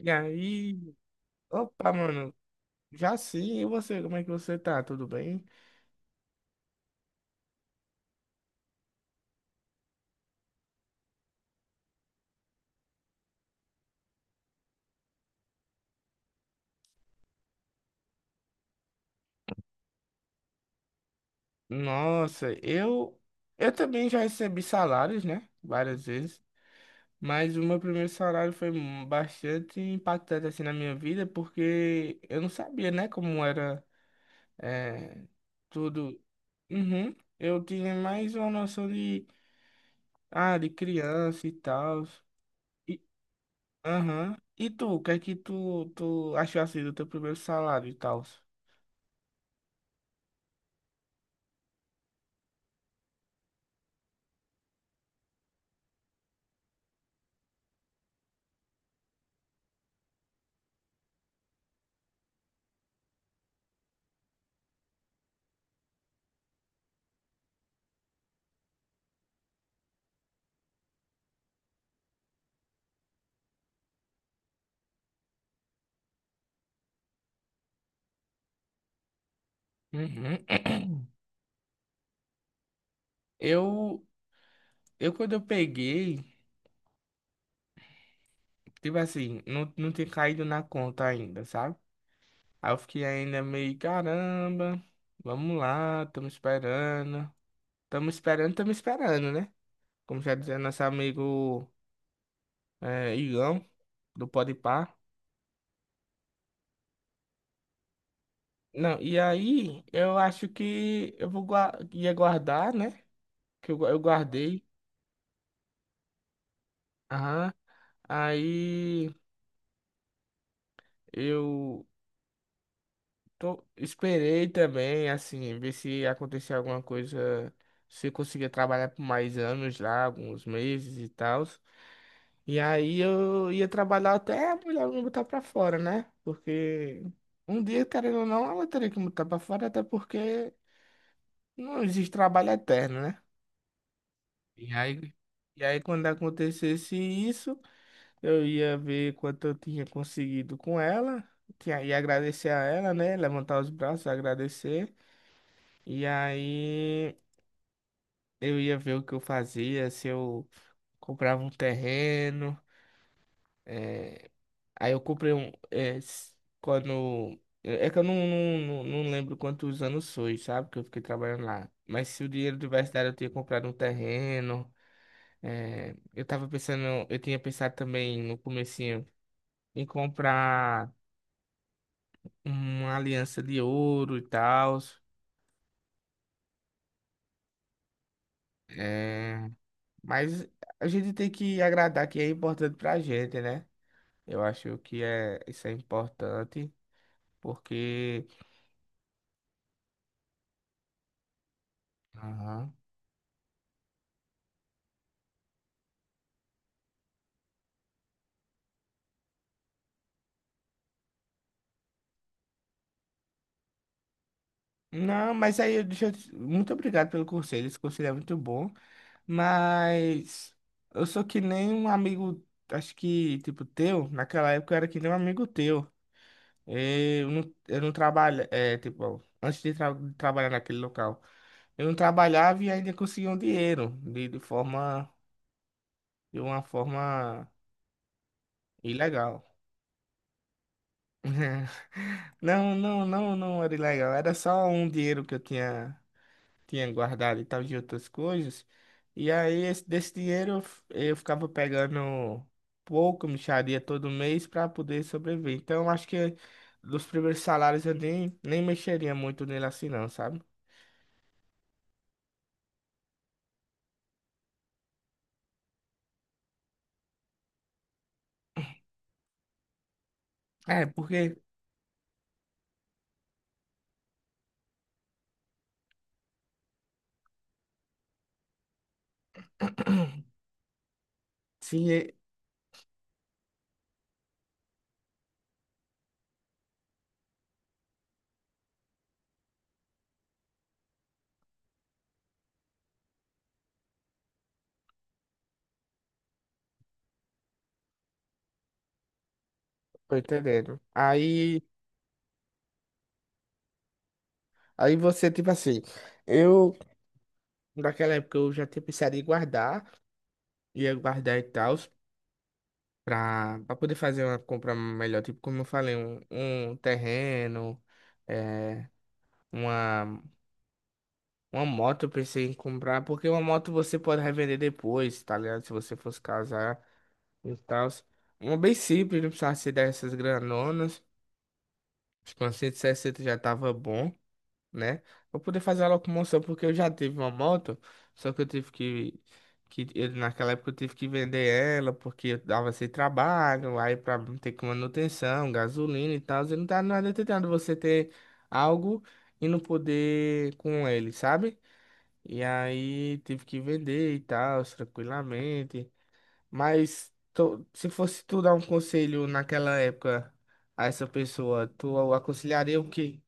E aí, opa, mano, já sim, e você, como é que você tá? Tudo bem? Nossa, eu também já recebi salários, né? Várias vezes, mas o meu primeiro salário foi bastante impactante assim na minha vida, porque eu não sabia, né, como era é, tudo. Uhum. Eu tinha mais uma noção de ah, de criança e tal. E, aham. E tu, o que é que tu achou assim do teu primeiro salário e tal? Uhum. Eu, eu quando eu peguei, tipo assim, não tinha caído na conta ainda, sabe? Aí eu fiquei ainda meio, caramba, vamos lá, tamo esperando. Tamo esperando, tamo esperando, né? Como já dizia nosso amigo Igão, do Podpah. Não, e aí eu acho que ia guardar, né? Eu guardei. Aham. Aí eu Esperei também, assim, ver se acontecia alguma coisa, se eu conseguia trabalhar por mais anos lá, alguns meses e tal. E aí eu ia trabalhar até a mulher me botar pra fora, né? Porque um dia, querendo ou não, ela teria que me botar pra fora, até porque não existe trabalho eterno, né? E aí, e aí quando acontecesse isso, eu ia ver quanto eu tinha conseguido com ela, que aí agradecer a ela, né? Levantar os braços, agradecer. E aí eu ia ver o que eu fazia, se eu comprava um terreno. é, Aí eu comprei um. É, s- quando. É é que eu não lembro quantos anos foi, sabe? Que eu fiquei trabalhando lá. Mas se o dinheiro tivesse dado, eu tinha comprado um terreno. Eu tava pensando. Eu tinha pensado também no comecinho em comprar uma aliança de ouro e tal. É, mas a gente tem que agradar que é importante pra gente, né? Eu acho que isso é importante, porque. Aham. Não, mas aí, deixa eu... muito obrigado pelo conselho, esse conselho é muito bom, mas eu sou que nem um amigo, acho que, tipo, teu, naquela época eu era que nem um amigo teu, eu não trabalho, é, tipo, antes de trabalhar naquele local, eu não trabalhava e ainda conseguia um dinheiro, de forma, de uma forma ilegal. Não, não era ilegal. Era só um dinheiro que eu tinha guardado e tal de outras coisas. E aí, desse dinheiro, eu ficava pegando pouco, mixaria todo mês para poder sobreviver. Então, eu acho que dos primeiros salários eu nem mexeria muito nele assim, não, sabe? É, porque. Sim, é- Tô entendendo. Aí, aí você, tipo assim, eu, naquela época, eu já tinha pensado em guardar, ia guardar e tal. Pra poder fazer uma compra melhor, tipo, como eu falei, um terreno, é, uma, uma moto eu pensei em comprar, porque uma moto você pode revender depois, tá ligado? Se você fosse casar e tal. Uma bem simples, não precisava ser dessas granonas. Acho que uma 160 já tava bom, né? Pra poder fazer a locomoção, porque eu já tive uma moto, só que eu tive que eu- naquela época eu tive que vender ela, porque eu dava sem trabalho, aí pra ter com manutenção, gasolina e tal, e não tá nada tentando você ter algo e não poder com ele, sabe? E aí tive que vender e tal, tranquilamente, mas se fosse tu dar um conselho naquela época a essa pessoa, tu aconselharia o quê?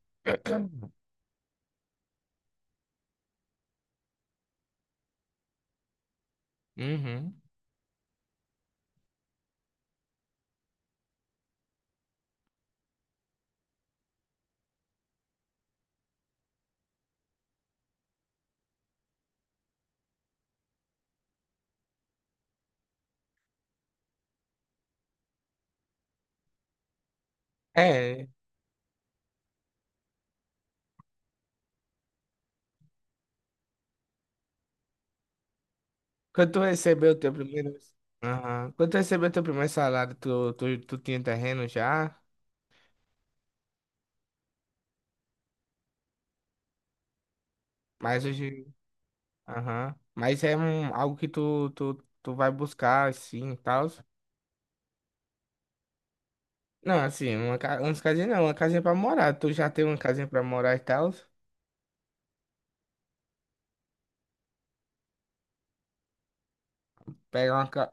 Uhum. É, quando tu recebeu o teu primeiro. Aham. Quando tu recebeu teu primeiro salário, tu tinha terreno já? Mas hoje. Aham. Mas é um, algo que tu vai buscar, assim, e tal. Não, assim, uma, ca- umas casinhas não, uma casinha pra morar. Tu já tem uma casinha pra morar e tal. Pega uma ca...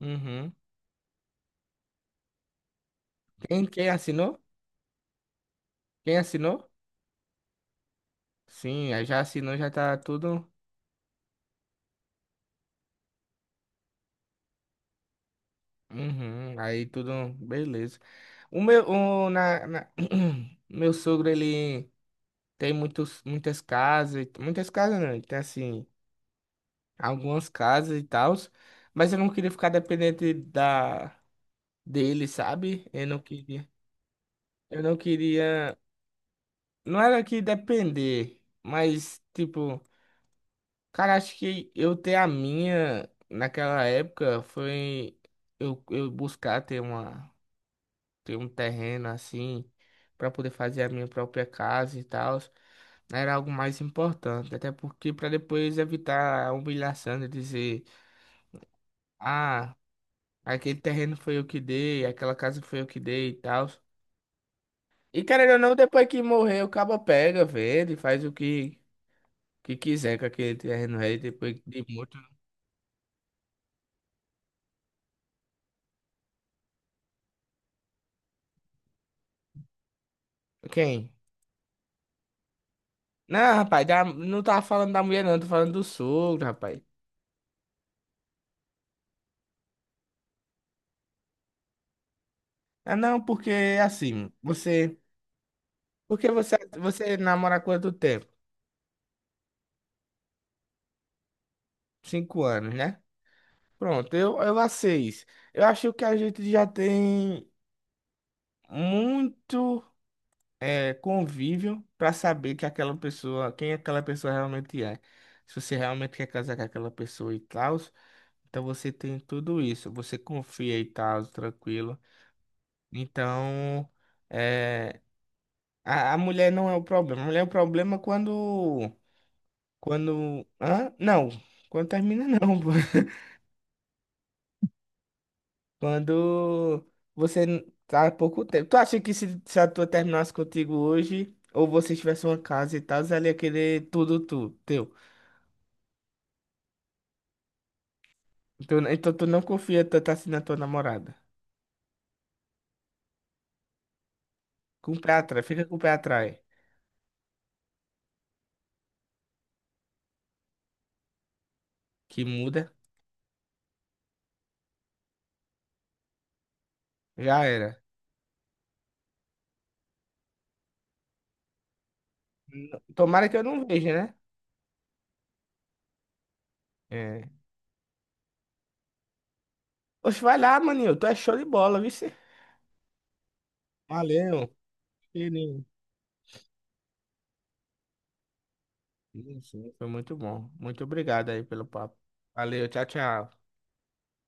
Uhum. Quem assinou? Quem assinou? Sim, aí já assinou, já tá tudo. Uhum. Aí tudo, beleza. O meu, o, na, na- meu sogro, ele. Tem muitas casas, e- muitas casas não, tem assim, algumas casas e tal, mas eu não queria ficar dependente da dele, sabe? Eu não queria, não era que depender, mas tipo, cara, acho que eu ter a minha naquela época foi eu buscar ter uma ter um terreno assim para poder fazer a minha própria casa e tal, era algo mais importante, até porque para depois evitar a humilhação de dizer, ah, aquele terreno foi eu que dei, aquela casa foi eu que dei e tal. E querendo ou não, depois que morrer, o cabo pega, vende, faz o que, que quiser com aquele terreno aí, depois de muito. Quem? Não, rapaz, não tava falando da mulher, não, tô falando do sogro, rapaz. Ah, não, porque assim, você. Porque você namora há quanto tempo? Cinco anos, né? Pronto, eu há seis. Eu acho que a gente já tem muito convívio para saber que aquela pessoa, quem aquela pessoa realmente é. Se você realmente quer casar com aquela pessoa e tal, então você tem tudo isso. Você confia e tal, tranquilo. Então, eh, a mulher não é o problema. A mulher é o problema é quando. Quando. Hã? Não. Quando termina, não. Pô. Quando tá há pouco tempo. Tu acha que se a tua terminasse contigo hoje, ou vocês tivessem uma casa e tal, ela ia querer tudo teu. Então, então tu não confia tanto assim na tua namorada. Com o pé atrás, fica com o pé atrás. Que muda, já era. Tomara que eu não veja, né? É. Oxe, vai lá, maninho. Tu é show de bola, viu? Cê? Valeu, querido. Sim, sim, foi muito bom. Muito obrigado aí pelo papo. Valeu, tchau, tchau.